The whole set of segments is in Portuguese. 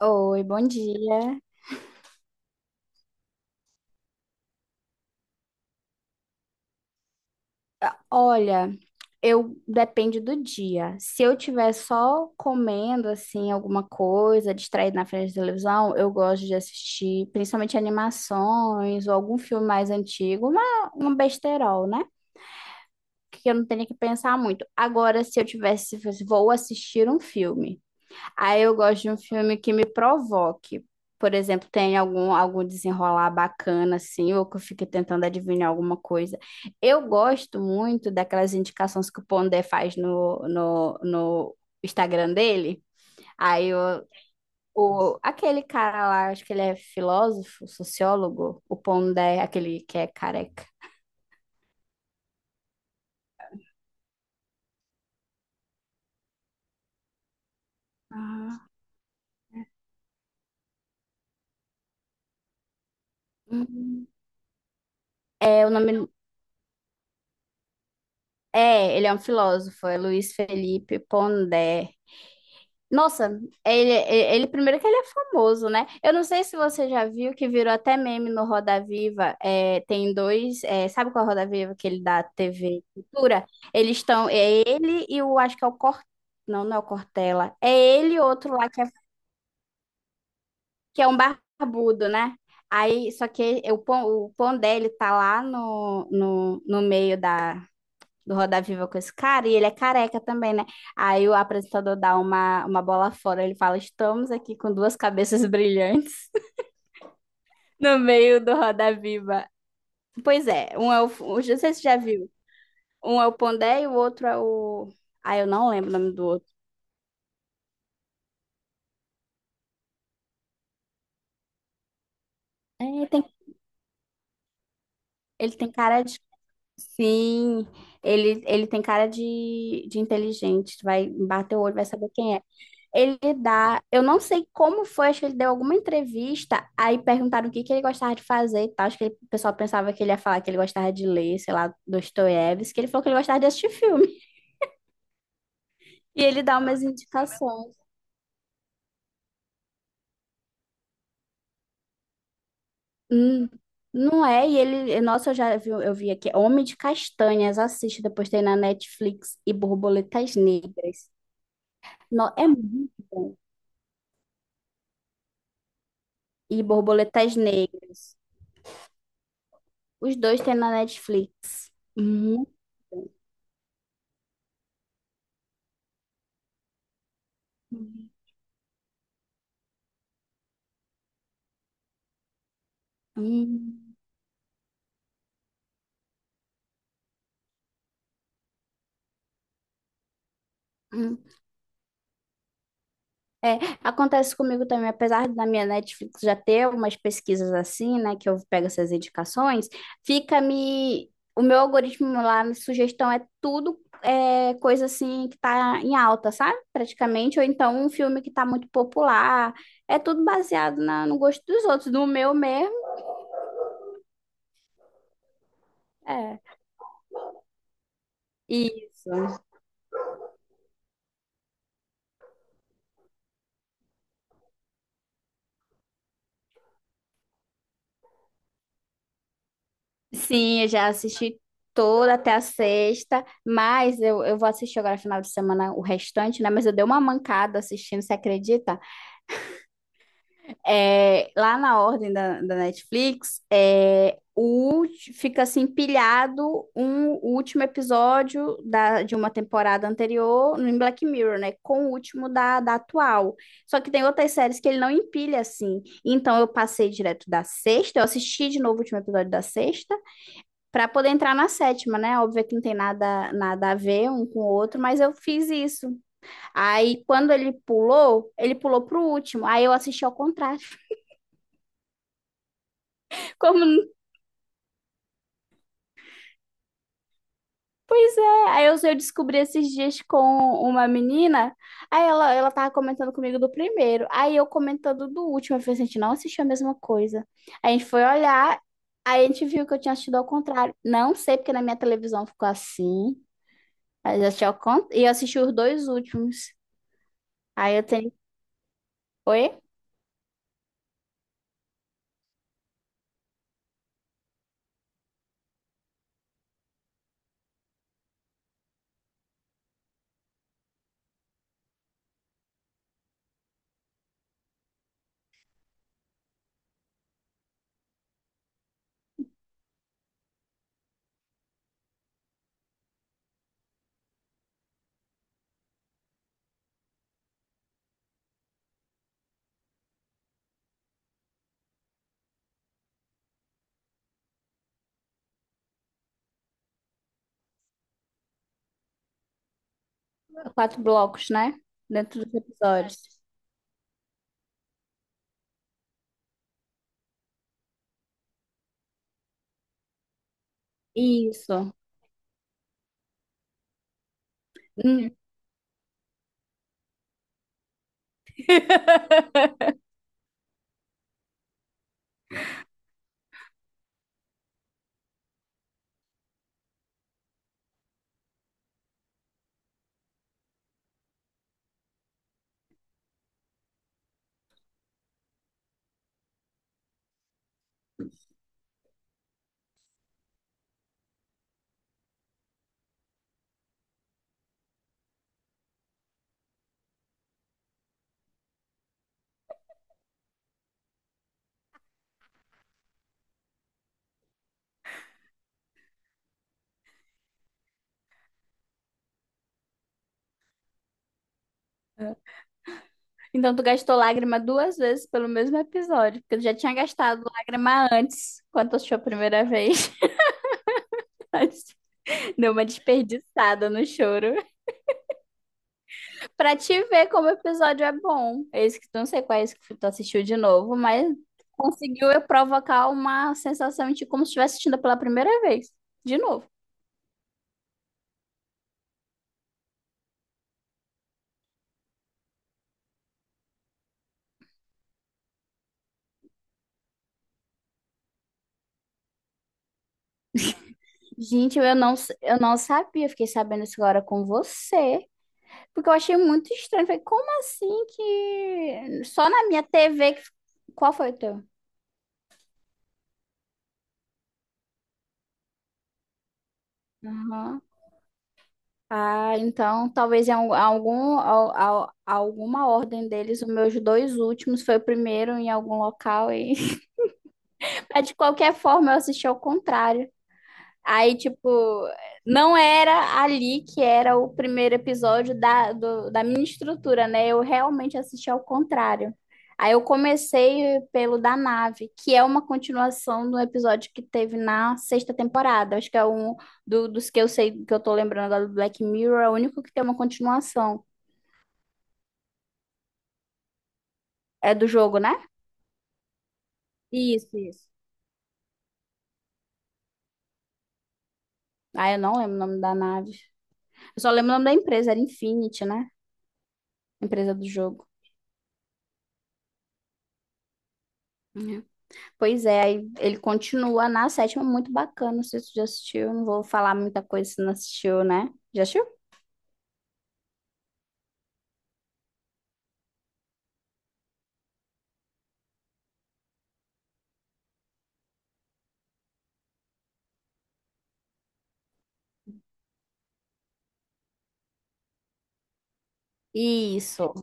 Oi, bom dia. Olha, eu depende do dia. Se eu tiver só comendo assim alguma coisa, distraída na frente da televisão, eu gosto de assistir principalmente animações ou algum filme mais antigo, uma, um besterol, né? Que eu não tenho que pensar muito. Agora, se eu tivesse, se fosse, vou assistir um filme. Aí eu gosto de um filme que me provoque. Por exemplo, tem algum, algum desenrolar bacana, assim, ou que eu fique tentando adivinhar alguma coisa. Eu gosto muito daquelas indicações que o Pondé faz no Instagram dele. Aí eu, o, aquele cara lá, acho que ele é filósofo, sociólogo, o Pondé, aquele que é careca. Ah. Hum. É, o nome... É, ele é um filósofo, é Luiz Felipe Pondé. Nossa, ele primeiro que ele é famoso, né? Eu não sei se você já viu que virou até meme no Roda Viva. É, tem dois, é, sabe qual é o Roda Viva que ele dá TV Cultura? Eles estão, é ele e o, acho que é o Cor, não, não é o Cortella. É ele e outro lá que é um barbudo, né? Aí, só que o pão dele tá lá no meio da, do Roda Viva com esse cara, e ele é careca também, né? Aí o apresentador dá uma bola fora, ele fala: Estamos aqui com duas cabeças brilhantes no meio do Roda Viva. Pois é, um é o. Não sei se você já viu. Um é o Pondé e o outro é o. Ah, eu não lembro o nome do outro. É, ele tem cara de. Sim, ele tem cara de inteligente. Vai bater o olho, vai saber quem é. Ele dá, eu não sei como foi, acho que ele deu alguma entrevista, aí perguntaram o que que ele gostava de fazer e tal. Acho que ele- o pessoal pensava que ele ia falar que ele gostava de ler, sei lá, Dostoiévski, que ele falou que ele gostava de assistir filme. E ele dá umas indicações. Hum, não é? E ele, nossa, eu já vi, eu vi aqui, Homem de Castanhas, assiste, depois tem na Netflix e Borboletas Negras. Não, é muito bom. E Borboletas Negras. Os dois tem na Netflix. Muito bom. Hum. Hum. Hum. É, acontece comigo também, apesar da minha Netflix já ter umas pesquisas assim, né, que eu pego essas indicações, fica me... O meu algoritmo lá, minha sugestão é tudo é, coisa assim que tá em alta, sabe? Praticamente, ou então um filme que tá muito popular. É tudo baseado na- no gosto dos outros, no meu mesmo, é. Isso. Sim, eu já assisti toda até a sexta, mas eu vou assistir agora final de semana o restante, né? Mas eu dei uma mancada assistindo, você acredita? É, lá na ordem da, da Netflix, é, o, ulti- fica assim empilhado um o último episódio da, de uma temporada anterior no em Black Mirror, né? Com o último da, da atual. Só que tem outras séries que ele não empilha assim. Então eu passei direto da sexta, eu assisti de novo o último episódio da sexta, para poder entrar na sétima, né? Óbvio que não tem nada, nada a ver um com o outro, mas eu fiz isso. Aí quando ele pulou pro último. Aí eu assisti ao contrário. Como pois é, aí eu descobri esses dias com uma menina, aí ela tava comentando comigo do primeiro, aí eu comentando do último, eu falei assim, a gente não assistiu a mesma coisa. Aí a gente foi olhar, aí a gente viu que eu tinha assistido ao contrário. Não sei porque na minha televisão ficou assim, mas eu assisti ao contrário, e eu assisti os dois últimos. Aí eu tenho, oi? Quatro blocos, né? Dentro dos episódios. Isso. Hum. Então, tu gastou lágrima duas vezes pelo mesmo episódio, porque tu já tinha gastado lágrima antes, quando tu assistiu a primeira vez. Mas deu uma desperdiçada no choro. Pra te ver como o episódio é bom. Esse que tu não sei qual é esse que tu assistiu de novo, mas conseguiu eu provocar uma sensação de como se estivesse assistindo pela primeira vez. De novo. Gente, eu não sabia, fiquei sabendo isso agora com você. Porque eu achei muito estranho. Falei, como assim que. Só na minha TV que. Qual foi o teu? Aham. Ah, então talvez em al- algum, al- al- alguma ordem deles, os meus dois últimos foi o primeiro em algum local e mas de qualquer forma eu assisti ao contrário. Aí, tipo, não era ali que era o primeiro episódio da, do- da minha estrutura, né? Eu realmente assisti ao contrário. Aí eu comecei pelo da nave, que é uma continuação do episódio que teve na sexta temporada. Acho que é um do- dos que eu sei, que eu tô lembrando agora do Black Mirror, é o único que tem uma continuação. É do jogo, né? Isso, isso. Ah, eu não lembro o nome da nave. Eu só lembro o nome da empresa, era Infinity, né? Empresa do jogo. Pois é, aí ele continua na sétima, muito bacana. Não sei se você já assistiu, não vou falar muita coisa se não assistiu, né? Já assistiu? Isso.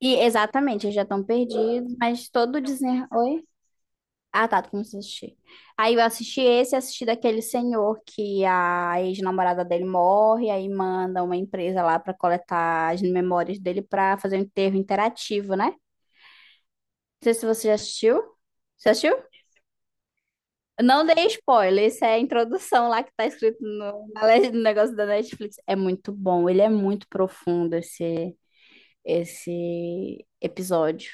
E exatamente, eles já estão perdidos, mas todo o desenrolar. Oi? Ah, tá, tu começou a assistir. Aí eu assisti esse, assisti daquele senhor que a ex-namorada dele morre, aí manda uma empresa lá pra coletar as memórias dele pra fazer um enterro interativo, né? Não sei se você já assistiu. Você assistiu? Não dei spoiler, isso é a introdução lá que tá escrito no, na le- no negócio da Netflix. É muito bom, ele é muito profundo esse, esse episódio.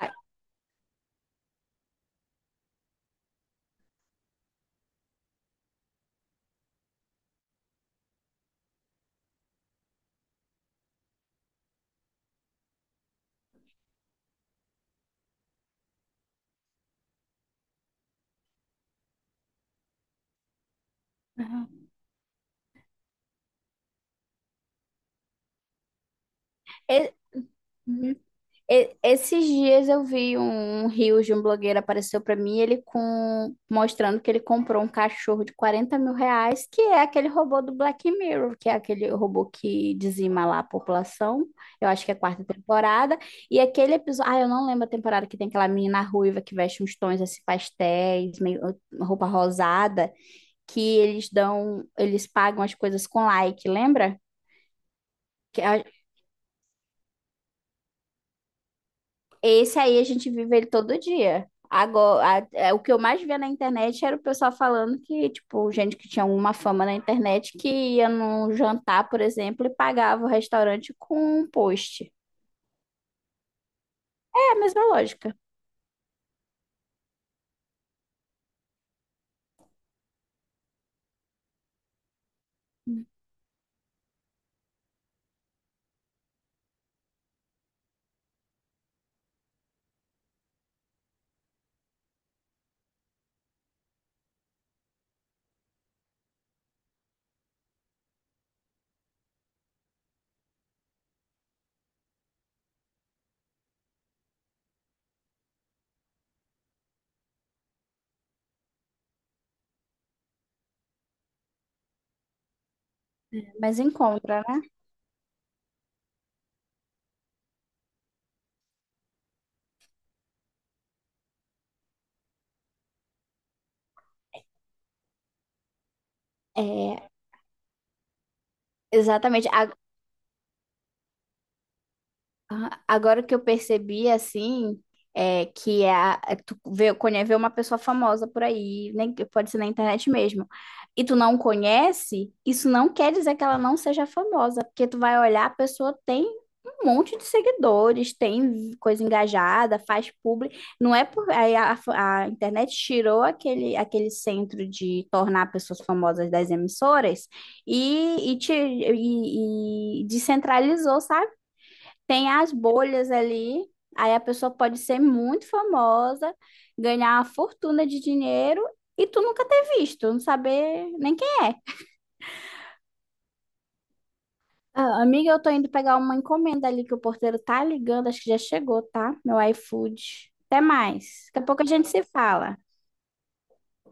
Ai, uhum. E- E- Esses dias eu vi um um reel de um blogueiro apareceu pra mim, ele com mostrando que ele comprou um cachorro de R$ 40.000, que é aquele robô do Black Mirror, que é aquele robô que dizima lá a população. Eu acho que é a quarta temporada. E aquele episódio, ah, eu não lembro a temporada que tem aquela menina ruiva que veste uns tons assim pastéis, meio roupa rosada, que eles dão, eles pagam as coisas com like, lembra? Que a- Esse aí a gente vive ele todo dia. Agora, a- é, o que eu mais via na internet era o pessoal falando que, tipo, gente que tinha uma fama na internet que ia num jantar, por exemplo, e pagava o restaurante com um post. É a mesma lógica, mas encontra, né? É, exatamente. Ah, agora que eu percebi, assim, é que é a, é tu vê, conhe- vê uma pessoa famosa por aí, nem, pode ser na internet mesmo, e tu não conhece, isso não quer dizer que ela não seja famosa, porque tu vai olhar, a pessoa tem um monte de seguidores, tem coisa engajada, faz publi, não é por... Aí a internet tirou aquele, aquele centro de tornar pessoas famosas das emissoras e, te, e descentralizou, sabe? Tem as bolhas ali, aí a pessoa pode ser muito famosa, ganhar uma fortuna de dinheiro e tu nunca ter visto, não saber nem quem é. Ah, amiga, eu tô indo pegar uma encomenda ali que o porteiro tá ligando, acho que já chegou, tá? Meu iFood. Até mais. Daqui a pouco a gente se fala.